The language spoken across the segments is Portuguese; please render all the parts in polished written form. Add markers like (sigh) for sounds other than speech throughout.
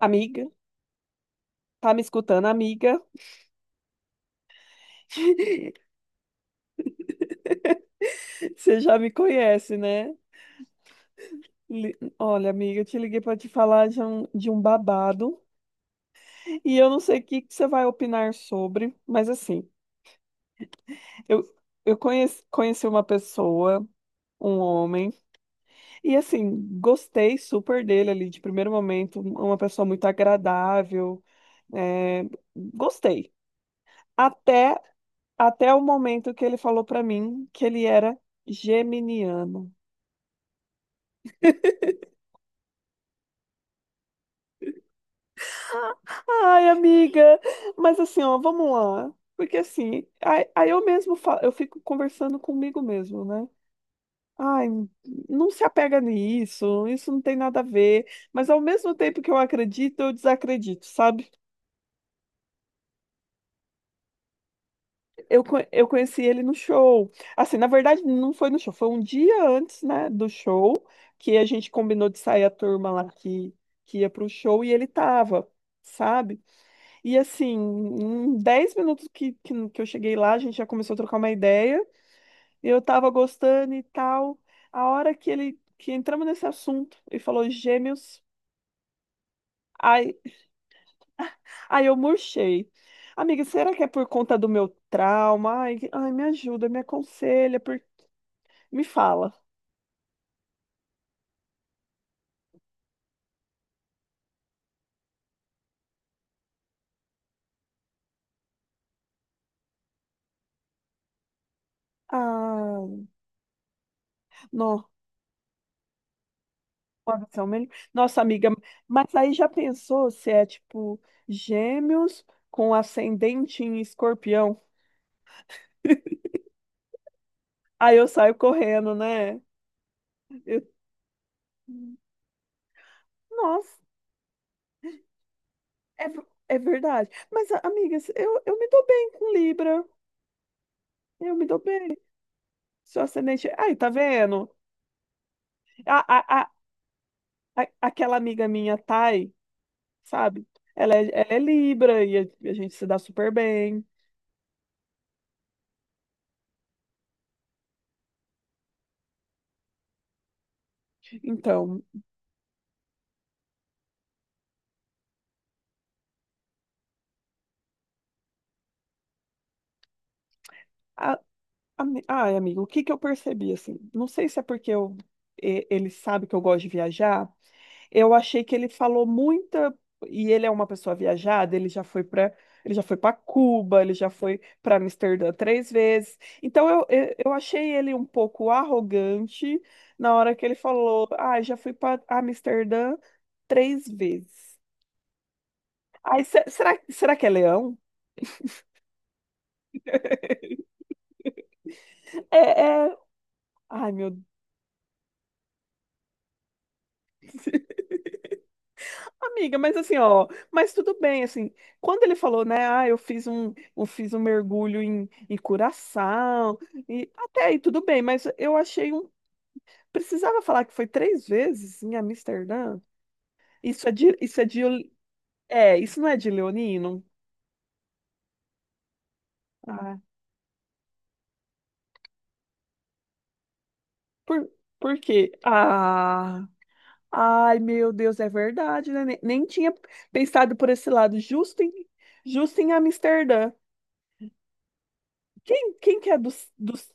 Amiga, tá me escutando, amiga? (laughs) Você já me conhece, né? Olha, amiga, eu te liguei para te falar de um babado e eu não sei o que que você vai opinar sobre, mas assim, eu, eu conheci, uma pessoa, um homem, e assim, gostei super dele ali de primeiro momento, uma pessoa muito agradável, é, gostei. Até, até o momento que ele falou para mim que ele era geminiano. Ai, amiga, mas assim, ó, vamos lá. Porque assim, aí eu mesmo falo, eu fico conversando comigo mesmo, né? Ai, não se apega nisso, isso não tem nada a ver. Mas ao mesmo tempo que eu acredito, eu desacredito, sabe? Eu conheci ele no show. Assim, na verdade, não foi no show, foi um dia antes, né, do show, que a gente combinou de sair a turma lá que ia pro show e ele tava, sabe? E assim, em 10 minutos que eu cheguei lá, a gente já começou a trocar uma ideia. Eu tava gostando e tal. A hora que ele que entramos nesse assunto e falou gêmeos, ai, ai eu murchei. Amiga, será que é por conta do meu trauma? Ai, ai, me ajuda, me aconselha, por... me fala. Ah, não, pode ser o melhor. Nossa, amiga, mas aí já pensou se é tipo gêmeos com ascendente em escorpião? Aí eu saio correndo, né? Eu- Nossa, é, é verdade. Mas, amiga, eu me dou bem com Libra. Eu me dou bem. Seu ascendente. Aí, tá vendo? A, a, a, aquela amiga minha, Thay, sabe? Ela é Libra e a gente se dá super bem. Então, a, ai, amigo, o que que eu percebi assim? Não sei se é porque eu, ele sabe que eu gosto de viajar. Eu achei que ele falou muita e ele é uma pessoa viajada, ele já foi para Cuba, ele já foi para Amsterdã três vezes. Então eu achei ele um pouco arrogante na hora que ele falou: "Ah, já fui para Amsterdã três vezes". Ai, será que é leão? É, é... Ai, meu Deus. Amiga, mas assim, ó, mas tudo bem, assim, quando ele falou, né, ah, eu fiz um mergulho em, em Curaçao, e até aí tudo bem, mas eu achei um, precisava falar que foi três vezes em Amsterdã? Isso é de, isso é de, é, isso não é de Leonino? Ah, por, por quê? Ah, ai, meu Deus, é verdade, né, nem tinha pensado por esse lado, justo em Amsterdã. Quem, quem que é dos, dos,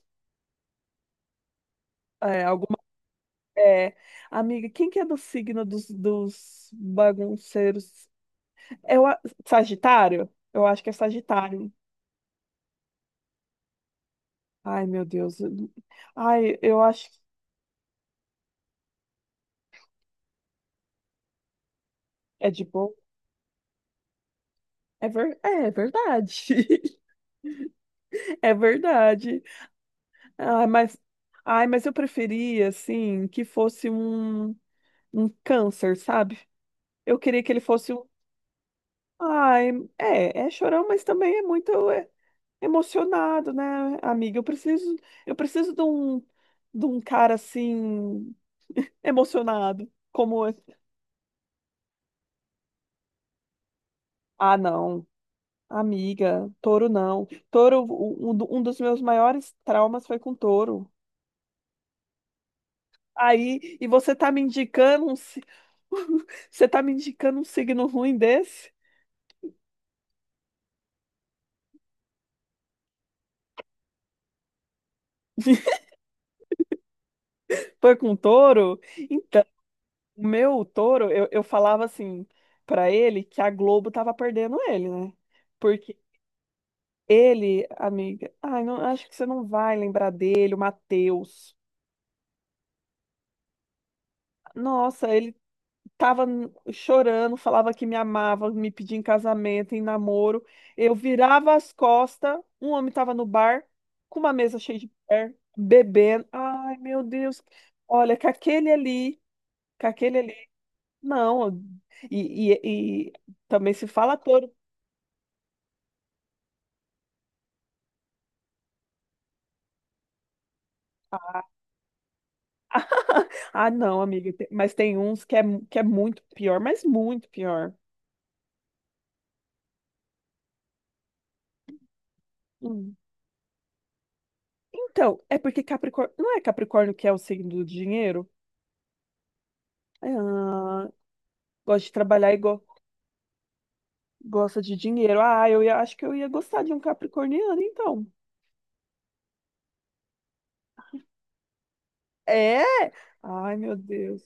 é, É, amiga, quem que é do signo dos bagunceiros? É o a- Sagitário? Eu acho que é Sagitário. Ai, meu Deus. Ai, eu acho que é de boa. É, é verdade. (laughs) É verdade. Ai, mas... Ai, mas eu preferia, assim, que fosse um câncer, sabe? Eu queria que ele fosse um. Ai, é, é chorão, mas também é muito. É, emocionado, né, amiga? Eu preciso de um cara assim, emocionado, como esse. Ah, não, amiga, touro não. Touro, um dos meus maiores traumas foi com touro. Aí, e você tá me indicando um, si- (laughs) você tá me indicando um signo ruim desse? (laughs) Foi com touro? Então, o meu touro, eu falava assim pra ele que a Globo tava perdendo ele, né? Porque ele, amiga, ai, não, acho que você não vai lembrar dele, o Matheus. Nossa, ele tava chorando, falava que me amava, me pedia em casamento, em namoro. Eu virava as costas, um homem tava no bar, com uma mesa cheia de mulher, bebendo. Ai, meu Deus. Olha, com aquele ali. Não, e também se fala todo. (laughs) Ah, não, amiga, mas tem uns que é, que é muito pior, mas muito pior. Então, é porque Capricórnio. Não é Capricórnio que é o signo do dinheiro? É, ah, gosta de trabalhar e gosta de dinheiro. Ah, acho que eu ia gostar de um capricorniano, então. É? Ai, meu Deus.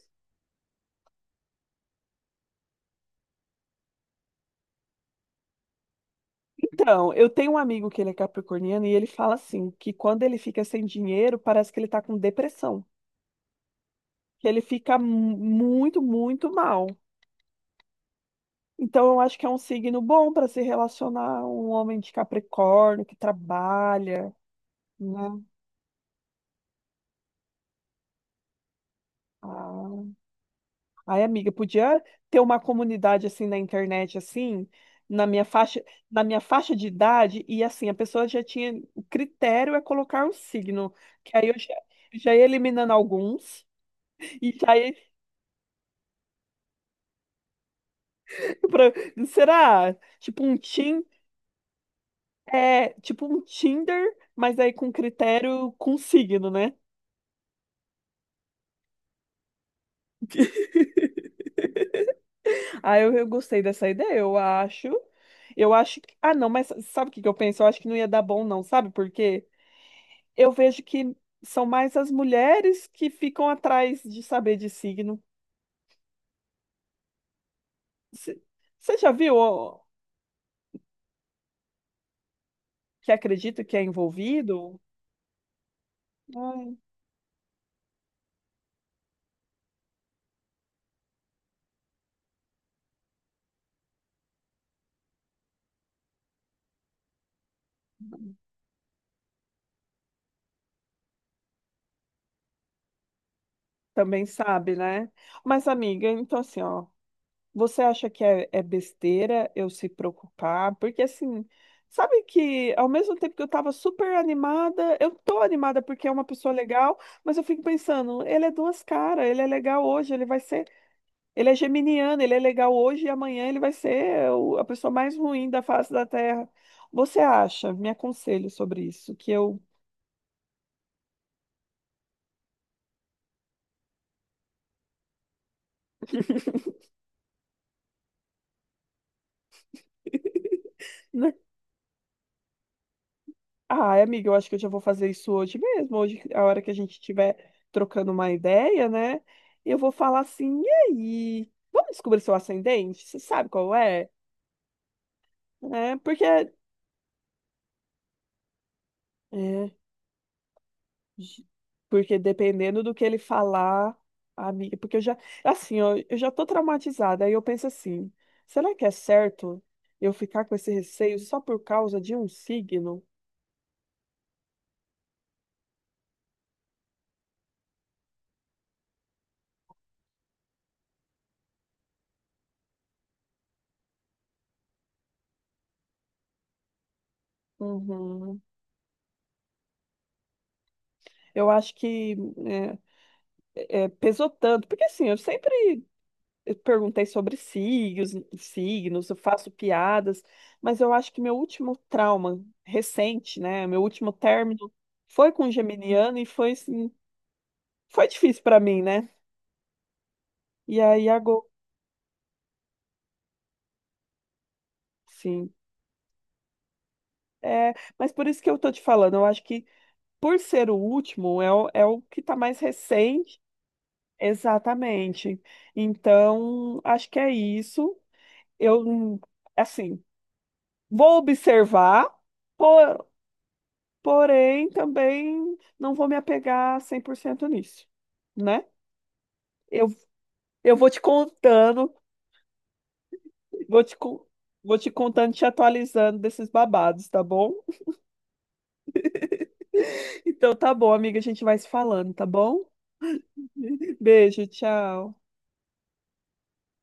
Então, eu tenho um amigo que ele é capricorniano e ele fala assim, que quando ele fica sem dinheiro, parece que ele tá com depressão, que ele fica muito mal. Então, eu acho que é um signo bom para se relacionar um homem de Capricórnio que trabalha, né? Ah. Ai, amiga, podia ter uma comunidade assim na internet, assim, na minha faixa, na minha faixa de idade, e assim, a pessoa já tinha, o critério é colocar um signo, que aí já ia eliminando alguns, e já ia, (laughs) pra- será? Tipo um Tim, tipo um Tinder, mas aí com critério, com signo, né? (laughs) Ah, eu gostei dessa ideia, eu acho. Eu acho que. Ah, não, mas sabe o que que eu penso? Eu acho que não ia dar bom, não, sabe por quê? Eu vejo que são mais as mulheres que ficam atrás de saber de signo. C- Você já viu ó, que acredita que é envolvido? Ai, também sabe, né? Mas, amiga, então assim, ó, você acha que é besteira eu se preocupar? Porque assim, sabe que ao mesmo tempo que eu tava super animada, eu tô animada porque é uma pessoa legal, mas eu fico pensando, ele é duas caras, ele é legal hoje, ele vai ser Ele é geminiano, ele é legal hoje e amanhã ele vai ser a pessoa mais ruim da face da Terra. Você acha? Me aconselho sobre isso, que eu, né? Ah, amiga, eu acho que eu já vou fazer isso hoje mesmo. Hoje, a hora que a gente estiver trocando uma ideia, né? Eu vou falar assim, e aí? Vamos descobrir seu ascendente? Você sabe qual é? É, porque é, Ge- porque dependendo do que ele falar, amiga, porque assim, ó, eu já tô traumatizada, aí eu penso assim, será que é certo eu ficar com esse receio só por causa de um signo? Uhum. Eu acho que pesou tanto, porque assim, eu sempre perguntei sobre signos, signos, eu faço piadas, mas eu acho que meu último trauma recente, né, meu último término foi com um geminiano e foi assim, foi difícil pra mim, né? E aí agora, sim. É, mas por isso que eu tô te falando, eu acho que por ser o último, é é o que tá mais recente. Exatamente. Então, acho que é isso. Eu, assim, vou observar, por- porém também não vou me apegar 100% nisso, né? Eu, eu vou te contando, vou te, con- vou te contando, te atualizando desses babados, tá bom? (laughs) Então tá bom, amiga, a gente vai se falando, tá bom? Beijo, tchau.